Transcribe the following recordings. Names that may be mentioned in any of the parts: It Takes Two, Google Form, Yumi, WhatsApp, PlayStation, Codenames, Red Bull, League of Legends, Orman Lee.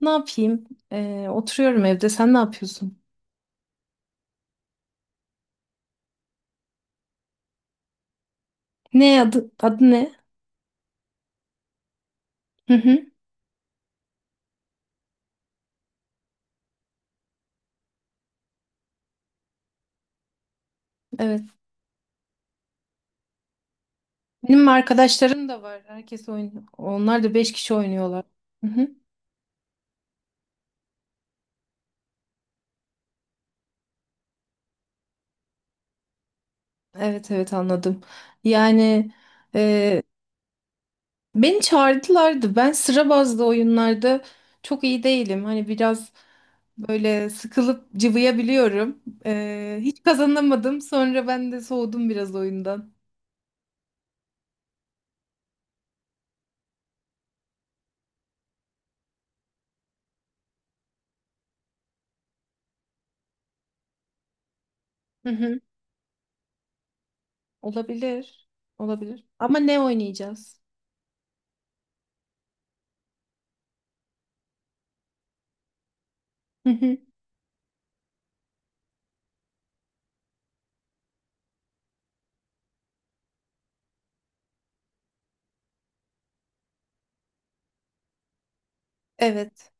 Ne yapayım? Oturuyorum evde. Sen ne yapıyorsun? Ne adı ne? Hı hı. Evet. Benim arkadaşlarım da var. Herkes oynuyor. Onlar da beş kişi oynuyorlar. Hı hı. Evet, evet, anladım. Yani e, beni çağırdılardı. Ben sıra bazlı oyunlarda çok iyi değilim. Hani biraz böyle sıkılıp cıvıyabiliyorum. Hiç kazanamadım. Sonra ben de soğudum biraz oyundan. Hı hı. Olabilir. Olabilir. Ama ne oynayacağız? Evet.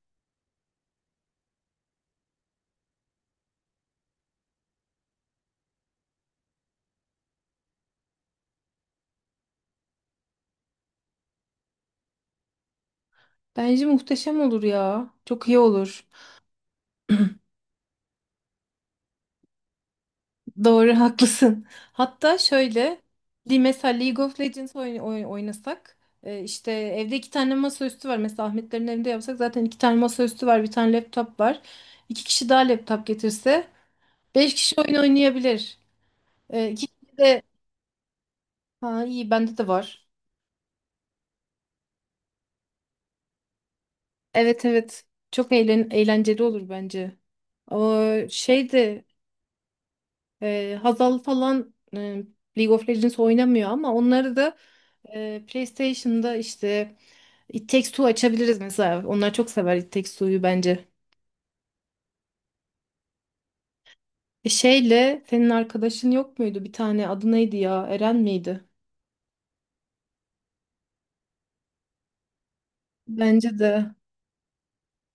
Bence muhteşem olur ya. Çok iyi olur. Doğru, haklısın. Hatta şöyle, mesela League of Legends oynasak, işte evde iki tane masaüstü var. Mesela Ahmetlerin evinde yapsak zaten iki tane masaüstü var, bir tane laptop var. İki kişi daha laptop getirse, beş kişi oyun oynayabilir. İki kişi de, ha iyi, bende de var. Evet, evet. Çok eğlenceli olur bence. Ama şey de Hazal falan, League of Legends oynamıyor ama onları da PlayStation'da işte It Takes Two açabiliriz mesela. Onlar çok sever It Takes Two'yu bence. E şeyle senin arkadaşın yok muydu? Bir tane adı neydi ya? Eren miydi? Bence de.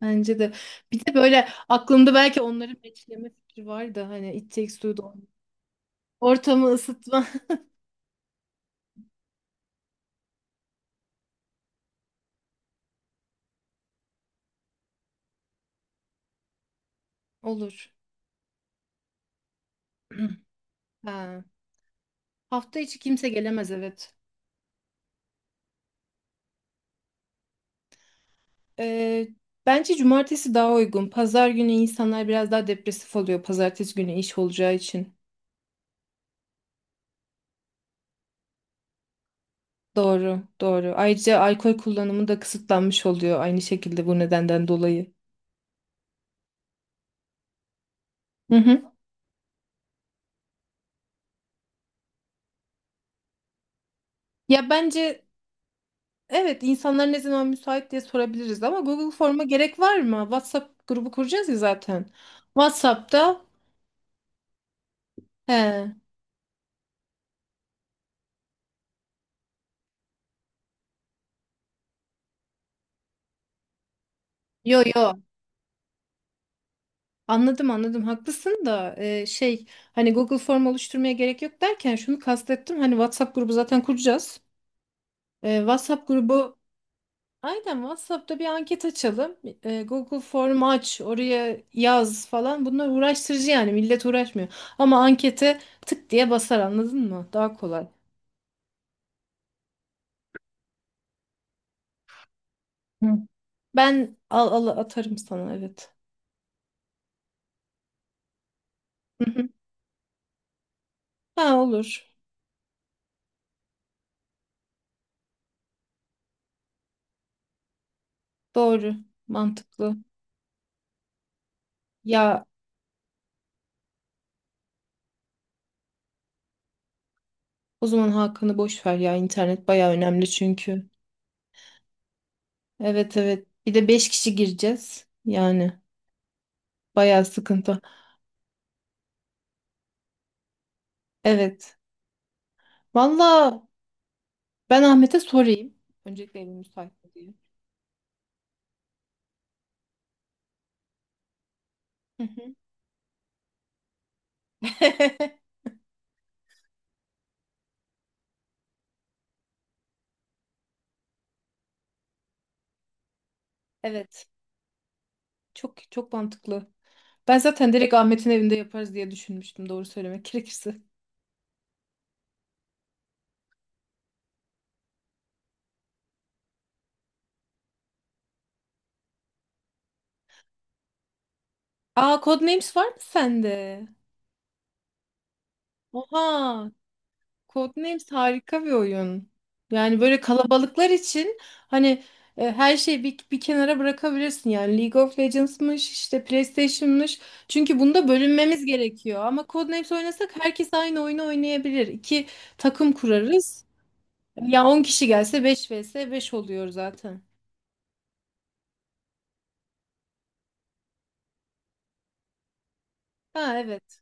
Bence de. Bir de böyle aklımda belki onların meçleme fikri vardı. Hani It Takes Two'da oynayan. Ortamı ısıtma. Olur. Ha. Hafta içi kimse gelemez, evet. Ee, Bence cumartesi daha uygun. Pazar günü insanlar biraz daha depresif oluyor. Pazartesi günü iş olacağı için. Doğru, doğru. Ayrıca alkol kullanımı da kısıtlanmış oluyor aynı şekilde bu nedenden dolayı. Hı hı. Ya bence evet, insanlar ne zaman müsait diye sorabiliriz ama Google Form'a gerek var mı? WhatsApp grubu kuracağız ya zaten. WhatsApp'ta. He. Yo yo. Anladım, anladım, haklısın da şey, hani Google Form oluşturmaya gerek yok derken şunu kastettim, hani WhatsApp grubu zaten kuracağız. WhatsApp grubu, aynen, WhatsApp'ta bir anket açalım. Google Form aç, oraya yaz falan. Bunlar uğraştırıcı yani, millet uğraşmıyor. Ama ankete tık diye basar, anladın mı? Daha kolay. Hı. Ben al, atarım sana, evet. Hı hı. Ha, olur. Doğru. Mantıklı. Ya o zaman Hakan'ı boş ver ya, internet baya önemli çünkü. Evet, evet. Bir de 5 kişi gireceğiz. Yani baya sıkıntı. Evet. Valla, ben Ahmet'e sorayım. Öncelikle evim müsait mi diye. Hı hı. Evet. Çok çok mantıklı. Ben zaten direkt Ahmet'in evinde yaparız diye düşünmüştüm, doğru söylemek gerekirse. Aa, Codenames var mı sende? Oha. Codenames harika bir oyun. Yani böyle kalabalıklar için, hani, her şeyi bir kenara bırakabilirsin. Yani League of Legends'mış, işte PlayStation'mış. Çünkü bunda bölünmemiz gerekiyor. Ama Codenames oynasak herkes aynı oyunu oynayabilir. İki takım kurarız. Ya 10 kişi gelse 5 vs 5 oluyor zaten. Ha evet.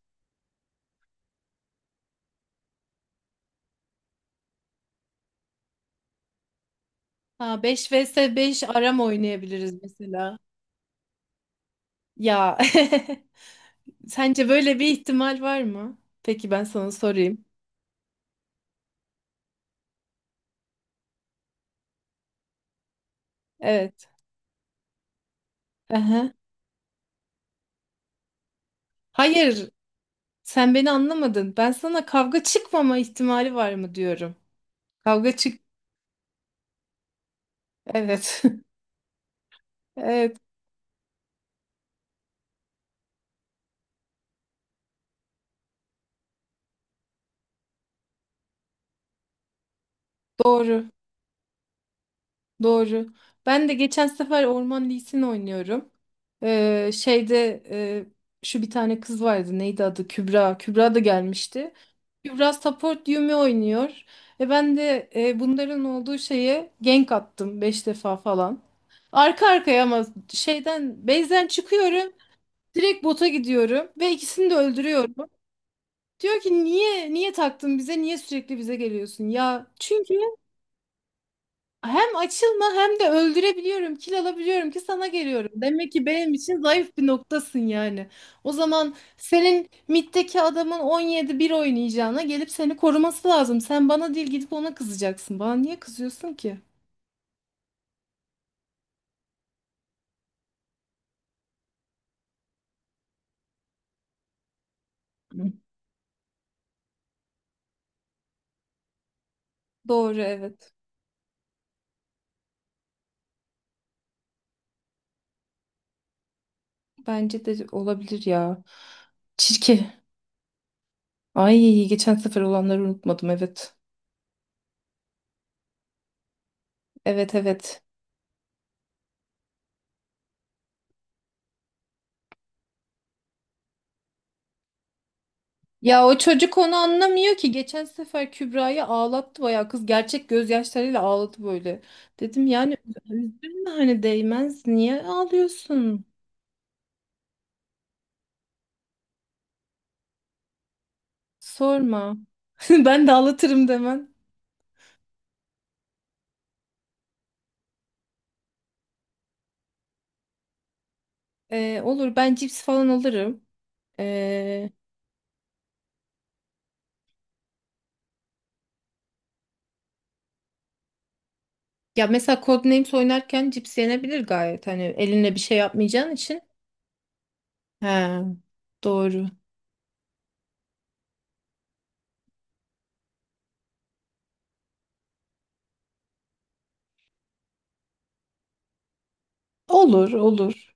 Ha, 5 vs 5 aram oynayabiliriz mesela. Ya sence böyle bir ihtimal var mı? Peki, ben sana sorayım. Evet. Aha. Hayır, sen beni anlamadın. Ben sana kavga çıkmama ihtimali var mı diyorum. Kavga çık. Evet. Evet, doğru. Doğru. Ben de geçen sefer Orman Lee'sini oynuyorum. Ee, şeyde e, şu bir tane kız vardı. Neydi adı? Kübra. Kübra da gelmişti. Kübra support Yumi oynuyor. E ben de bunların olduğu şeye gank attım, beş defa falan. Arka arkaya ama şeyden base'den çıkıyorum. Direkt bota gidiyorum ve ikisini de öldürüyorum. Diyor ki niye taktın bize? Niye sürekli bize geliyorsun? Ya çünkü hem açılma hem de öldürebiliyorum, kil alabiliyorum ki sana geliyorum. Demek ki benim için zayıf bir noktasın yani. O zaman senin middeki adamın 17 bir oynayacağına gelip seni koruması lazım. Sen bana değil, gidip ona kızacaksın. Bana niye kızıyorsun ki? Hı. Doğru, evet. Bence de olabilir ya. Çirkin. Ay, geçen sefer olanları unutmadım, evet. Evet, evet. Ya o çocuk onu anlamıyor ki. Geçen sefer Kübra'yı ağlattı, bayağı kız gerçek gözyaşlarıyla ağladı böyle. Dedim yani üzülme, hani değmez, niye ağlıyorsun? Sorma. Ben de ağlatırım demen. Olur, ben cips falan alırım. Ee, Ya mesela Codenames oynarken cips yenebilir gayet. Hani eline bir şey yapmayacağın için. He, doğru. Olur, olur.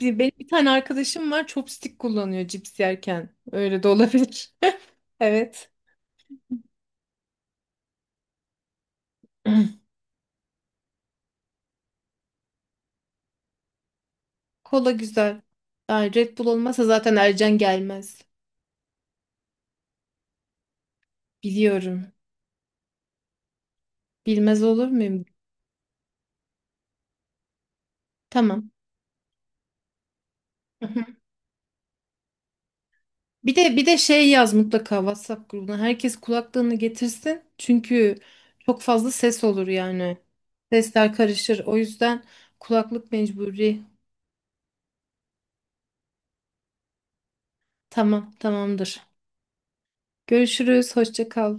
Benim bir tane arkadaşım var, chopstick kullanıyor cips yerken. Öyle de olabilir. Evet. Kola güzel. Ay, Red Bull olmasa zaten Ercan gelmez. Biliyorum. Bilmez olur muyum? Tamam. Hı hı. Bir de şey yaz mutlaka WhatsApp grubuna. Herkes kulaklığını getirsin. Çünkü çok fazla ses olur yani. Sesler karışır. O yüzden kulaklık mecburi. Tamam, tamamdır. Görüşürüz. Hoşça kal.